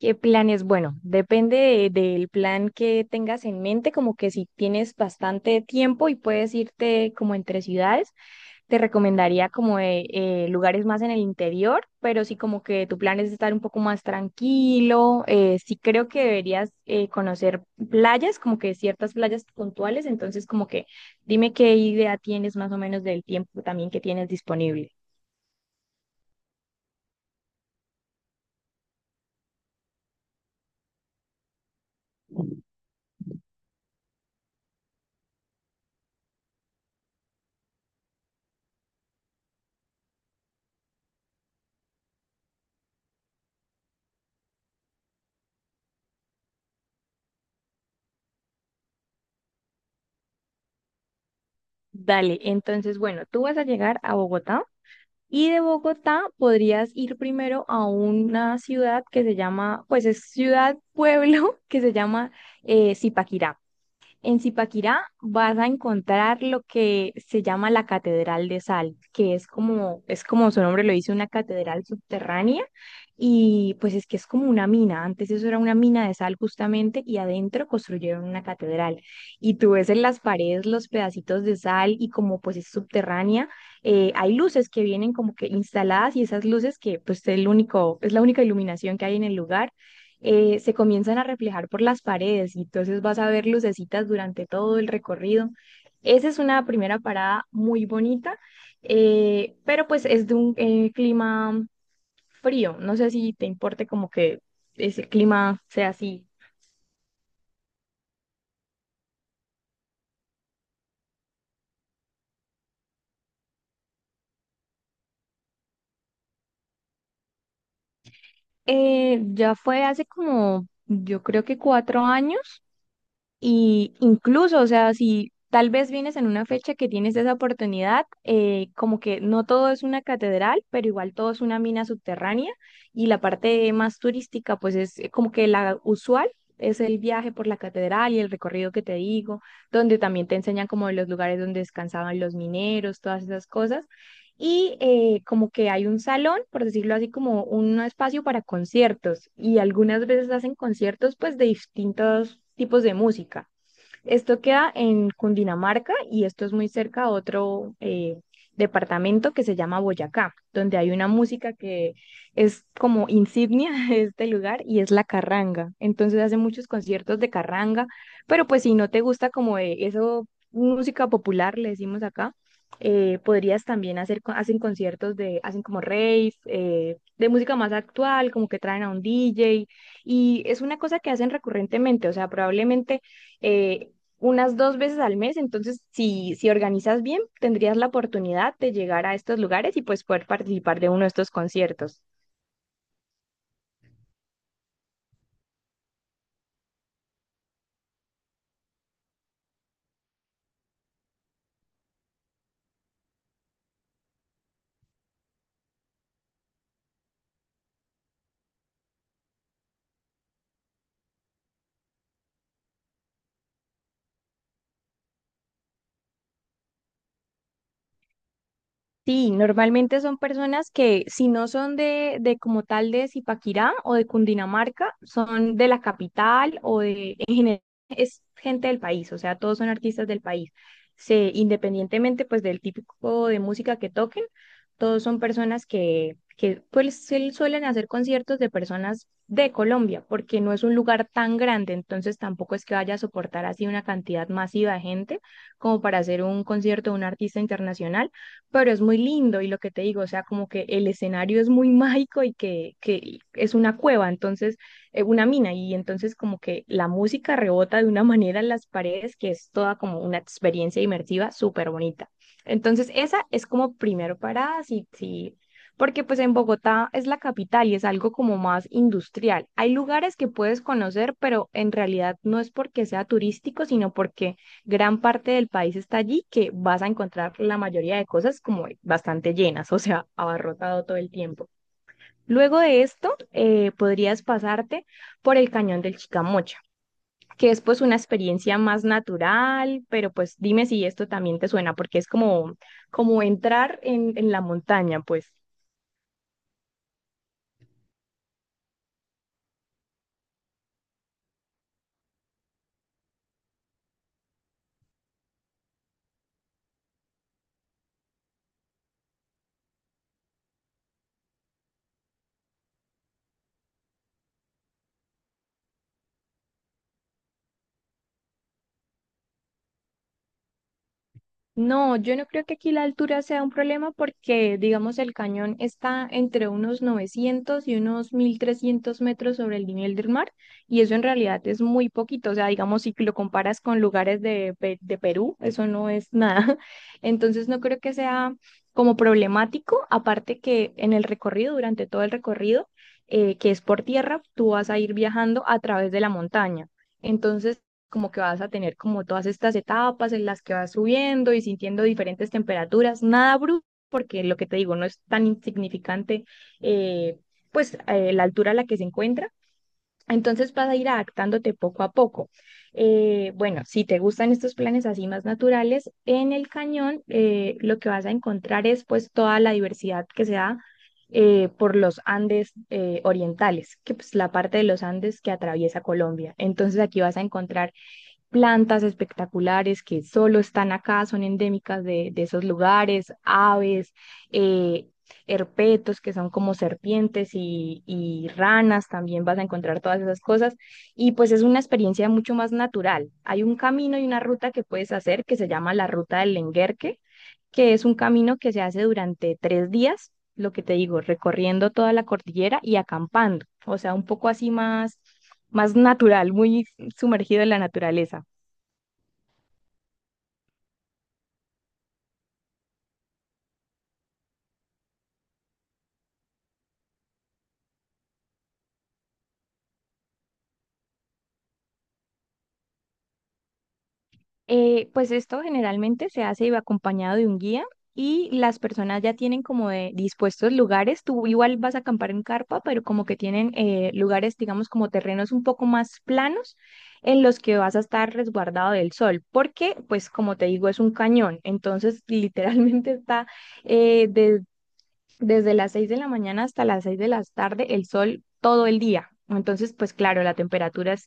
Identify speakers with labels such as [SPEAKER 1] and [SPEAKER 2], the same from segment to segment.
[SPEAKER 1] ¿Qué planes? Bueno, depende del plan que tengas en mente, como que si tienes bastante tiempo y puedes irte como entre ciudades, te recomendaría como lugares más en el interior, pero si como que tu plan es estar un poco más tranquilo, sí creo que deberías conocer playas, como que ciertas playas puntuales, entonces como que dime qué idea tienes más o menos del tiempo también que tienes disponible. Dale, entonces, bueno, tú vas a llegar a Bogotá y de Bogotá podrías ir primero a una ciudad que se llama, pues es ciudad, pueblo, que se llama Zipaquirá. En Zipaquirá vas a encontrar lo que se llama la Catedral de Sal, que es como su nombre lo dice, una catedral subterránea. Y pues es que es como una mina. Antes eso era una mina de sal justamente y adentro construyeron una catedral. Y tú ves en las paredes los pedacitos de sal y como pues es subterránea, hay luces que vienen como que instaladas y esas luces que pues es el único, es la única iluminación que hay en el lugar se comienzan a reflejar por las paredes y entonces vas a ver lucecitas durante todo el recorrido. Esa es una primera parada muy bonita, pero pues es de un clima frío. No sé si te importe como que ese clima sea así. Ya fue hace como, yo creo que 4 años. Y incluso, o sea, si tal vez vienes en una fecha que tienes esa oportunidad, como que no todo es una catedral, pero igual todo es una mina subterránea y la parte más turística, pues es como que la usual. Es el viaje por la catedral y el recorrido que te digo, donde también te enseñan como de los lugares donde descansaban los mineros, todas esas cosas. Y como que hay un salón, por decirlo así, como un espacio para conciertos. Y algunas veces hacen conciertos pues de distintos tipos de música. Esto queda en Cundinamarca y esto es muy cerca a otro departamento que se llama Boyacá, donde hay una música que es como insignia de este lugar y es la carranga. Entonces hacen muchos conciertos de carranga, pero pues si no te gusta como eso, música popular, le decimos acá, podrías también hacer, hacen conciertos de, hacen como rave, de música más actual, como que traen a un DJ, y es una cosa que hacen recurrentemente, o sea, probablemente eh, unas 2 veces al mes, entonces si organizas bien, tendrías la oportunidad de llegar a estos lugares y pues poder participar de uno de estos conciertos. Sí, normalmente son personas que si no son de como tal de Zipaquirá o de Cundinamarca, son de la capital o de, en general, es gente del país, o sea, todos son artistas del país. Se, independientemente pues del típico de música que toquen, todos son personas que pues sí suelen hacer conciertos de personas de Colombia, porque no es un lugar tan grande, entonces tampoco es que vaya a soportar así una cantidad masiva de gente como para hacer un concierto de un artista internacional, pero es muy lindo y lo que te digo, o sea, como que el escenario es muy mágico y que es una cueva, entonces, una mina, y entonces como que la música rebota de una manera en las paredes que es toda como una experiencia inmersiva súper bonita. Entonces, esa es como primero parada, sí, sí, porque pues en Bogotá es la capital y es algo como más industrial. Hay lugares que puedes conocer, pero en realidad no es porque sea turístico, sino porque gran parte del país está allí, que vas a encontrar la mayoría de cosas como bastante llenas, o sea, abarrotado todo el tiempo. Luego de esto, podrías pasarte por el cañón del Chicamocha, que es pues una experiencia más natural, pero pues dime si esto también te suena, porque es como, como entrar en la montaña, pues. No, yo no creo que aquí la altura sea un problema porque, digamos, el cañón está entre unos 900 y unos 1.300 metros sobre el nivel del mar y eso en realidad es muy poquito. O sea, digamos, si lo comparas con lugares de Perú, eso no es nada. Entonces, no creo que sea como problemático, aparte que en el recorrido, durante todo el recorrido, que es por tierra, tú vas a ir viajando a través de la montaña. Entonces, como que vas a tener como todas estas etapas en las que vas subiendo y sintiendo diferentes temperaturas, nada brusco, porque lo que te digo, no es tan insignificante, eh, la altura a la que se encuentra. Entonces vas a ir adaptándote poco a poco. Bueno, si te gustan estos planes así más naturales, en el cañón lo que vas a encontrar es pues toda la diversidad que se da por los Andes orientales, que pues la parte de los Andes que atraviesa Colombia. Entonces aquí vas a encontrar plantas espectaculares que solo están acá, son endémicas de esos lugares, aves, eh, herpetos que son como serpientes y ranas, también vas a encontrar todas esas cosas. Y pues es una experiencia mucho más natural. Hay un camino y una ruta que puedes hacer que se llama la ruta del Lenguerque, que es un camino que se hace durante 3 días, lo que te digo, recorriendo toda la cordillera y acampando, o sea, un poco así más, más natural, muy sumergido en la naturaleza. Pues esto generalmente se hace acompañado de un guía y las personas ya tienen como de dispuestos lugares. Tú igual vas a acampar en carpa, pero como que tienen lugares, digamos, como terrenos un poco más planos en los que vas a estar resguardado del sol, porque pues como te digo, es un cañón. Entonces, literalmente está eh desde las 6 de la mañana hasta las 6 de la tarde el sol todo el día. Entonces, pues claro, la temperatura es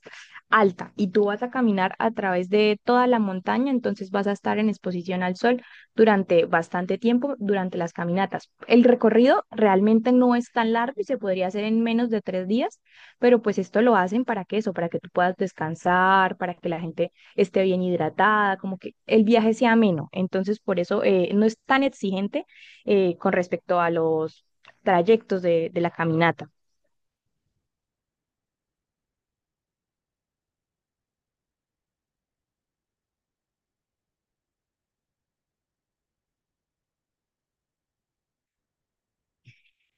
[SPEAKER 1] alta y tú vas a caminar a través de toda la montaña, entonces vas a estar en exposición al sol durante bastante tiempo, durante las caminatas. El recorrido realmente no es tan largo y se podría hacer en menos de 3 días, pero pues esto lo hacen para que eso, para que tú puedas descansar, para que la gente esté bien hidratada, como que el viaje sea ameno. Entonces, por eso no es tan exigente con respecto a los trayectos de la caminata.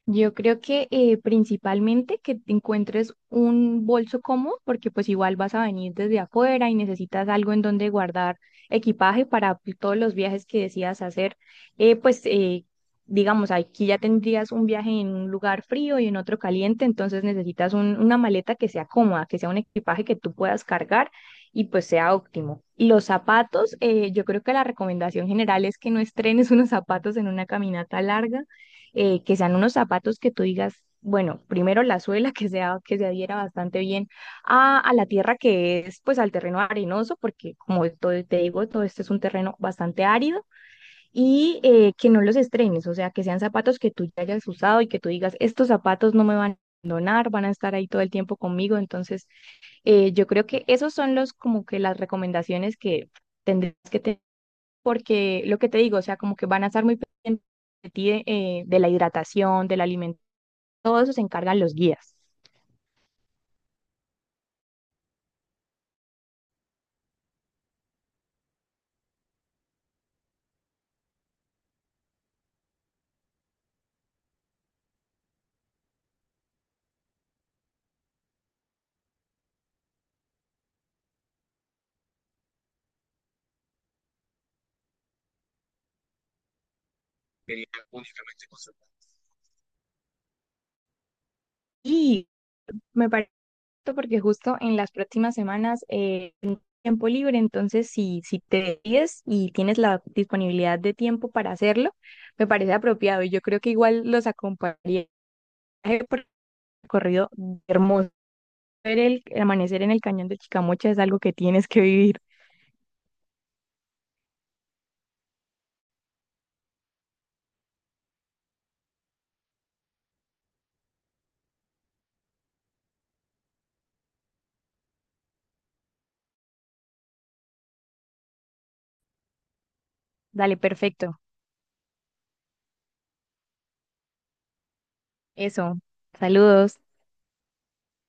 [SPEAKER 1] Yo creo que principalmente que te encuentres un bolso cómodo, porque pues igual vas a venir desde afuera y necesitas algo en donde guardar equipaje para todos los viajes que decidas hacer. Eh, pues eh, digamos, aquí ya tendrías un viaje en un lugar frío y en otro caliente, entonces necesitas una maleta que sea cómoda, que sea un equipaje que tú puedas cargar y pues sea óptimo. Los zapatos, yo creo que la recomendación general es que no estrenes unos zapatos en una caminata larga que sean unos zapatos que tú digas, bueno, primero la suela que sea, que se adhiera bastante bien a la tierra que es, pues al terreno arenoso, porque como te digo, todo este es un terreno bastante árido, y que no los estrenes, o sea, que sean zapatos que tú ya hayas usado y que tú digas, estos zapatos no me van a abandonar, van a estar ahí todo el tiempo conmigo, entonces yo creo que esos son los como que las recomendaciones que tendrías que tener porque lo que te digo, o sea, como que van a estar muy pendientes de ti, de la hidratación, del alimento, todo eso se encargan los guías. Y me parece porque justo en las próximas semanas tengo tiempo libre, entonces si te decides y tienes la disponibilidad de tiempo para hacerlo, me parece apropiado. Y yo creo que igual los acompañaría por el recorrido hermoso. Ver el amanecer en el cañón de Chicamocha es algo que tienes que vivir. Dale, perfecto. Eso. Saludos.